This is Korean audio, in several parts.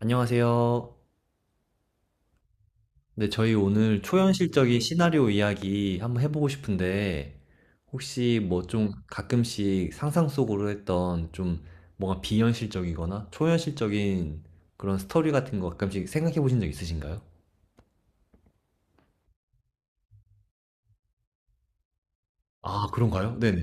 안녕하세요. 네, 저희 오늘 초현실적인 시나리오 이야기 한번 해보고 싶은데, 혹시 뭐 좀 가끔씩 상상 속으로 했던 좀 뭔가 비현실적이거나 초현실적인 그런 스토리 같은 거 가끔씩 생각해 보신 적 있으신가요? 아, 그런가요? 네네.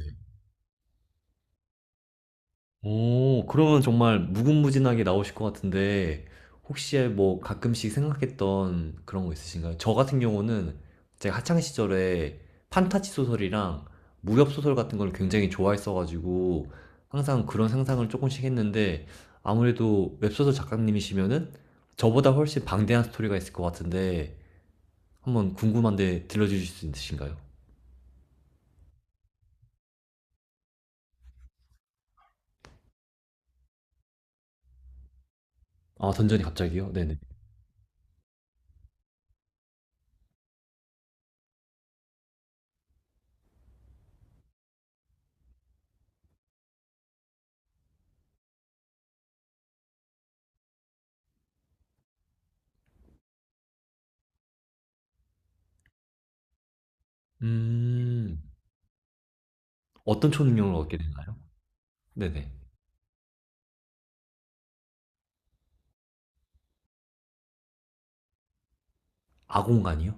오, 그러면 정말 무궁무진하게 나오실 것 같은데, 혹시 뭐 가끔씩 생각했던 그런 거 있으신가요? 저 같은 경우는 제가 학창 시절에 판타지 소설이랑 무협 소설 같은 걸 굉장히 좋아했어가지고, 항상 그런 상상을 조금씩 했는데, 아무래도 웹소설 작가님이시면은 저보다 훨씬 방대한 스토리가 있을 것 같은데, 한번 궁금한데 들려주실 수 있으신가요? 아, 던전이 갑자기요? 네네. 음, 어떤 초능력을 얻게 되나요? 네네. 아공간이요?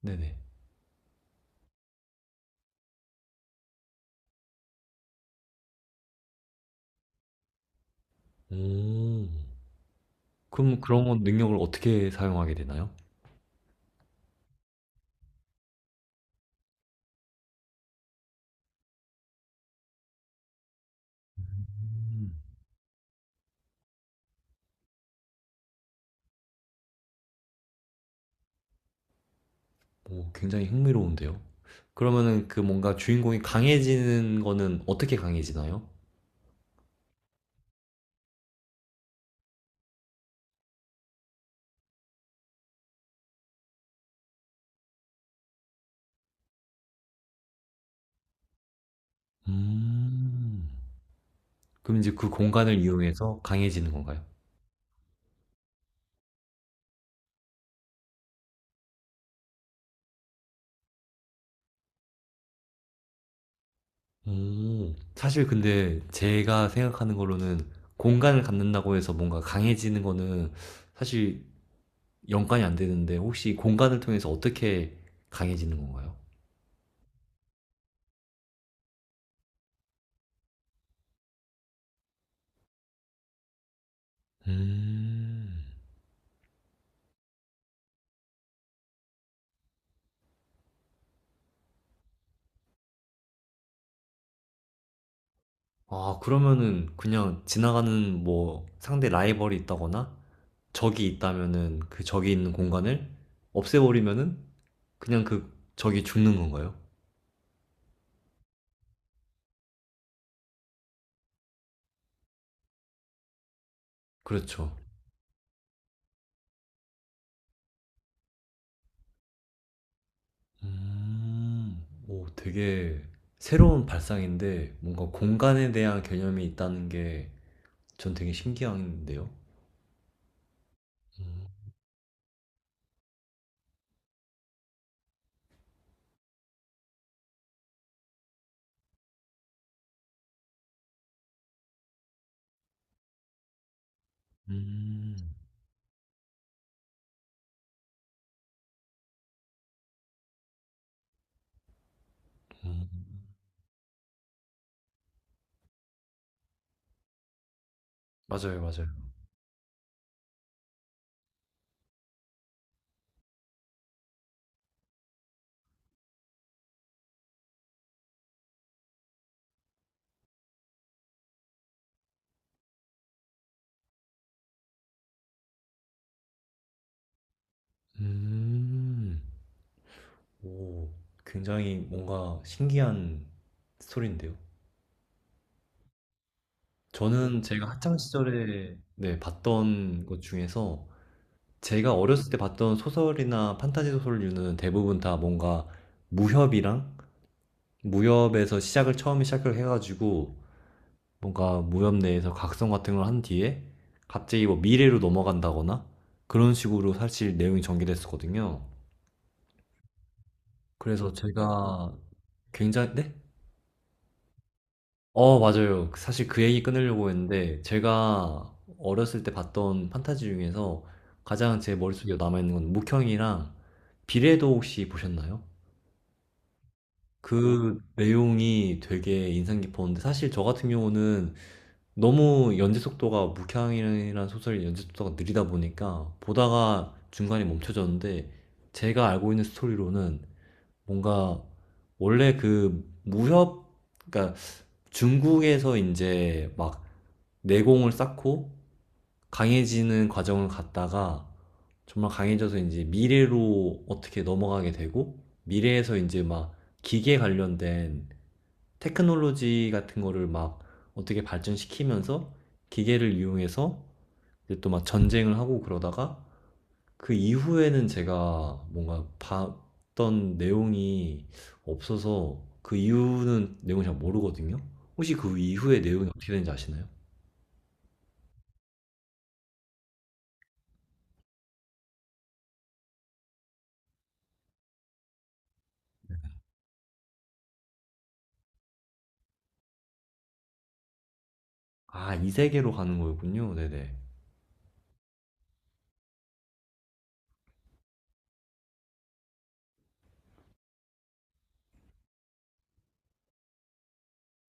네네. 오. 그럼 그런 건 능력을 어떻게 사용하게 되나요? 오, 굉장히 흥미로운데요. 그러면은 그 뭔가 주인공이 강해지는 거는 어떻게 강해지나요? 음. 그럼 이제 그 공간을 이용해서 강해지는 건가요? 오. 사실 근데 제가 생각하는 거로는 공간을 갖는다고 해서 뭔가 강해지는 거는 사실 연관이 안 되는데 혹시 공간을 통해서 어떻게 강해지는 건가요? 음. 아, 그러면은 그냥 지나가는 뭐 상대 라이벌이 있다거나 적이 있다면은 그 적이 있는 공간을 없애버리면은 그냥 그 적이 죽는 건가요? 그렇죠. 오, 되게 새로운 발상인데 뭔가 공간에 대한 개념이 있다는 게 전 되게 신기한데요. 음, 음, 맞아요, 맞아요. 음, 오, 굉장히 뭔가 신기한 스토리인데요. 저는 제가 학창 시절에 네, 봤던 것 중에서 제가 어렸을 때 봤던 소설이나 판타지 소설류는 대부분 다 뭔가 무협이랑 무협에서 시작을 처음에 시작을 해가지고 뭔가 무협 내에서 각성 같은 걸 한 뒤에 갑자기 뭐 미래로 넘어간다거나 그런 식으로 사실 내용이 전개됐었거든요. 그래서 제가 굉장히 네? 어, 맞아요. 그 사실 그 얘기 끊으려고 했는데, 제가 어렸을 때 봤던 판타지 중에서 가장 제 머릿속에 남아있는 건 묵형이랑 비례도 혹시 보셨나요? 그 내용이 되게 인상 깊었는데, 사실 저 같은 경우는 너무 연재 속도가, 묵향이라는 소설의 연재 속도가 느리다 보니까, 보다가 중간에 멈춰졌는데, 제가 알고 있는 스토리로는 뭔가, 원래 그 무협, 그러니까 중국에서 이제 막 내공을 쌓고 강해지는 과정을 갔다가 정말 강해져서 이제 미래로 어떻게 넘어가게 되고 미래에서 이제 막 기계 관련된 테크놀로지 같은 거를 막 어떻게 발전시키면서 기계를 이용해서 또 막 전쟁을 하고 그러다가 그 이후에는 제가 뭔가 봤던 내용이 없어서 그 이후는 내용을 잘 모르거든요. 혹시 그 이후의 내용이 어떻게 되는지 아시나요? 아, 이 세계로 가는 거였군요. 네네.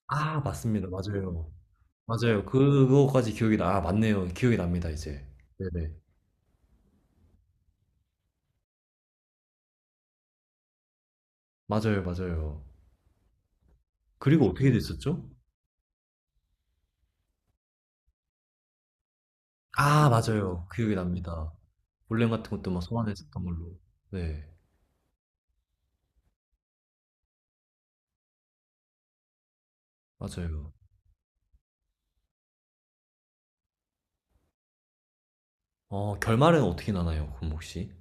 아, 맞습니다. 맞아요. 맞아요. 그거까지 기억이 나. 아, 맞네요. 기억이 납니다, 이제. 네네. 맞아요, 맞아요. 그리고 어떻게 됐었죠? 아, 맞아요. 기억이 납니다. 볼렘 같은 것도 막 소환했었던 걸로. 네, 맞아요. 어, 결말은 어떻게 나나요, 그럼 혹시?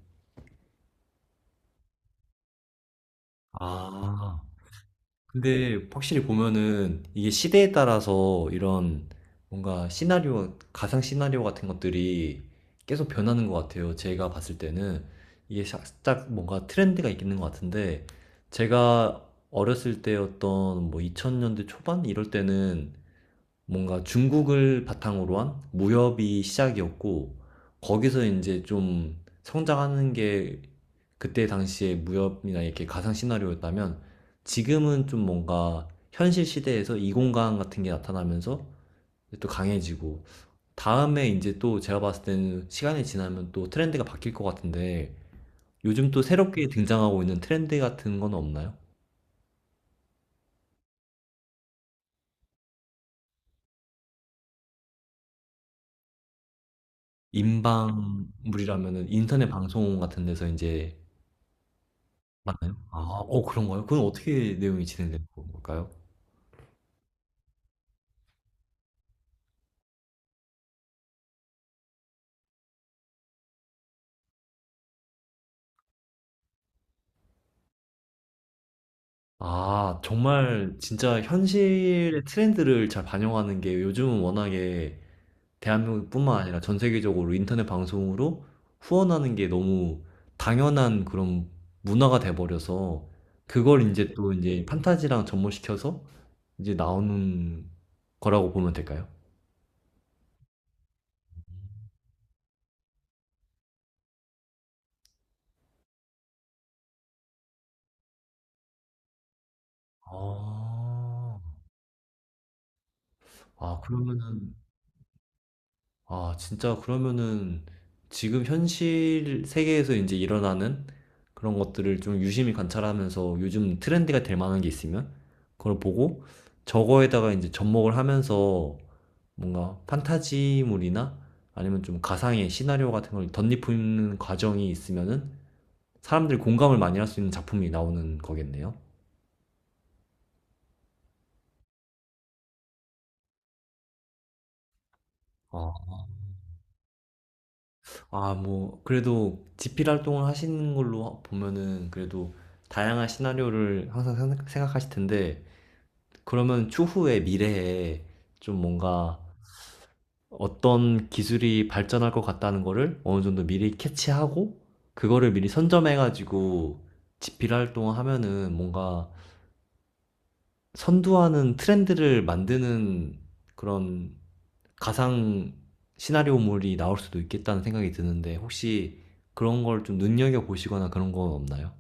아. 근데 확실히 보면은 이게 시대에 따라서 이런 뭔가 시나리오, 가상 시나리오 같은 것들이 계속 변하는 것 같아요. 제가 봤을 때는 이게 살짝 뭔가 트렌드가 있는 것 같은데 제가 어렸을 때였던 뭐 2000년대 초반 이럴 때는 뭔가 중국을 바탕으로 한 무협이 시작이었고, 거기서 이제 좀 성장하는 게 그때 당시의 무협이나 이렇게 가상 시나리오였다면, 지금은 좀 뭔가 현실 시대에서 이공간 같은 게 나타나면서 또 강해지고, 다음에 이제 또 제가 봤을 때는 시간이 지나면 또 트렌드가 바뀔 것 같은데, 요즘 또 새롭게 등장하고 있는 트렌드 같은 건 없나요? 인방물이라면은 인터넷 방송 같은 데서 이제 맞나요? 아 어 그런가요? 그건 어떻게 내용이 진행되는 걸까요? 아 정말 진짜 현실의 트렌드를 잘 반영하는 게 요즘은 워낙에 대한민국뿐만 아니라 전 세계적으로 인터넷 방송으로 후원하는 게 너무 당연한 그런 문화가 돼 버려서 그걸 이제 또 이제 판타지랑 접목시켜서 이제 나오는 거라고 보면 될까요? 아. 아 그러면은 아, 진짜 그러면은 지금 현실 세계에서 이제 일어나는 그런 것들을 좀 유심히 관찰하면서 요즘 트렌드가 될 만한 게 있으면 그걸 보고 저거에다가 이제 접목을 하면서 뭔가 판타지물이나 아니면 좀 가상의 시나리오 같은 걸 덧입히는 과정이 있으면은 사람들이 공감을 많이 할 수 있는 작품이 나오는 거겠네요. 아, 아, 뭐, 그래도 집필 활동을 하시는 걸로 보면은 그래도 다양한 시나리오를 항상 생각하실 텐데, 그러면 추후에 미래에 좀 뭔가 어떤 기술이 발전할 것 같다는 거를 어느 정도 미리 캐치하고, 그거를 미리 선점해가지고 집필 활동을 하면은 뭔가 선두하는 트렌드를 만드는 그런 가상 시나리오물이 나올 수도 있겠다는 생각이 드는데 혹시 그런 걸 좀 눈여겨 보시거나 그런 건 없나요?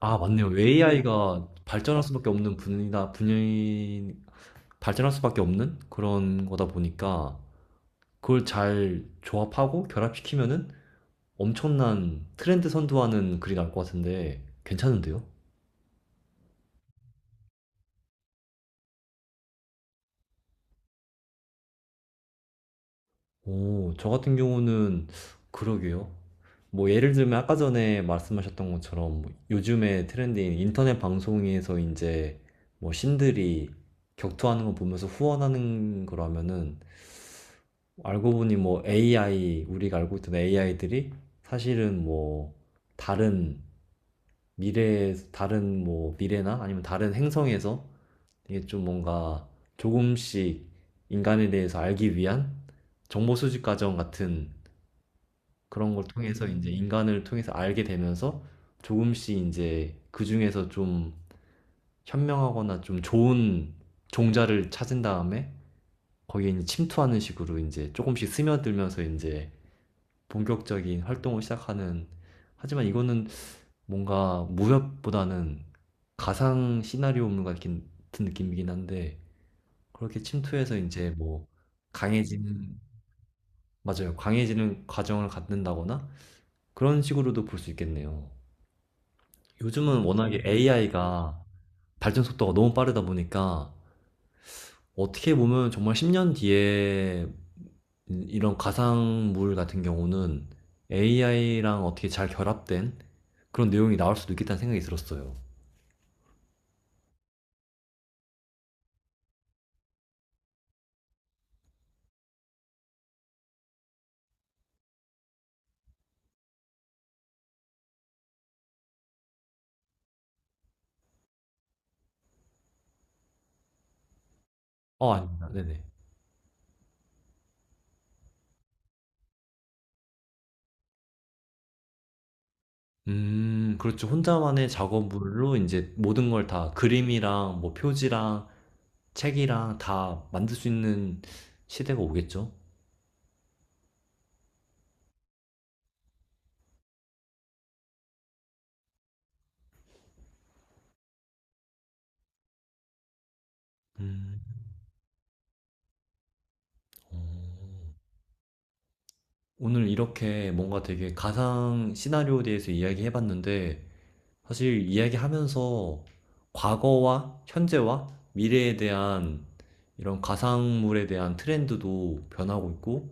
아, 맞네요. AI가 발전할 수밖에 없는 분야, 분야인, 발전할 수밖에 없는 그런 거다 보니까 그걸 잘 조합하고 결합시키면은 엄청난 트렌드 선도하는 글이 나올 것 같은데 괜찮은데요? 오, 저 같은 경우는 그러게요. 뭐 예를 들면 아까 전에 말씀하셨던 것처럼 뭐 요즘에 트렌드인 인터넷 방송에서 이제 뭐 신들이 격투하는 거 보면서 후원하는 거라면은 알고 보니 뭐 AI, 우리가 알고 있던 AI들이 사실은 뭐 다른 미래, 다른 뭐 미래나 아니면 다른 행성에서 이게 좀 뭔가 조금씩 인간에 대해서 알기 위한 정보 수집 과정 같은 그런 걸 통해서 인제 인간을 통해서 알게 되면서 조금씩 이제 그중에서 좀 현명하거나 좀 좋은 종자를 찾은 다음에 거기에 제 침투하는 식으로 이제 조금씩 스며들면서 이제 본격적인 활동을 시작하는 하지만 이거는 뭔가 무협보다는 가상 시나리오물 같은 느낌이긴 한데 그렇게 침투해서 이제 뭐 강해지는 맞아요. 강해지는 과정을 갖는다거나 그런 식으로도 볼 수 있겠네요. 요즘은 워낙에 AI가 발전 속도가 너무 빠르다 보니까 어떻게 보면 정말 10년 뒤에 이런 가상물 같은 경우는 AI랑 어떻게 잘 결합된 그런 내용이 나올 수도 있겠다는 생각이 들었어요. 어, 아닙니다. 네네. 그렇죠. 혼자만의 작업물로 이제 모든 걸 다 그림이랑 뭐 표지랑 책이랑 다 만들 수 있는 시대가 오겠죠. 음, 어. 오늘 이렇게 뭔가 되게 가상 시나리오에 대해서 이야기해봤는데, 사실 이야기하면서 과거와 현재와 미래에 대한 이런 가상물에 대한 트렌드도 변하고 있고,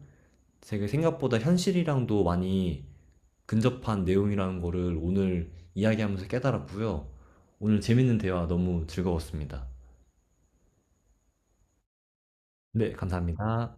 되게 생각보다 현실이랑도 많이 근접한 내용이라는 거를 오늘 이야기하면서 깨달았고요. 오늘 재밌는 대화 너무 즐거웠습니다. 네, 감사합니다.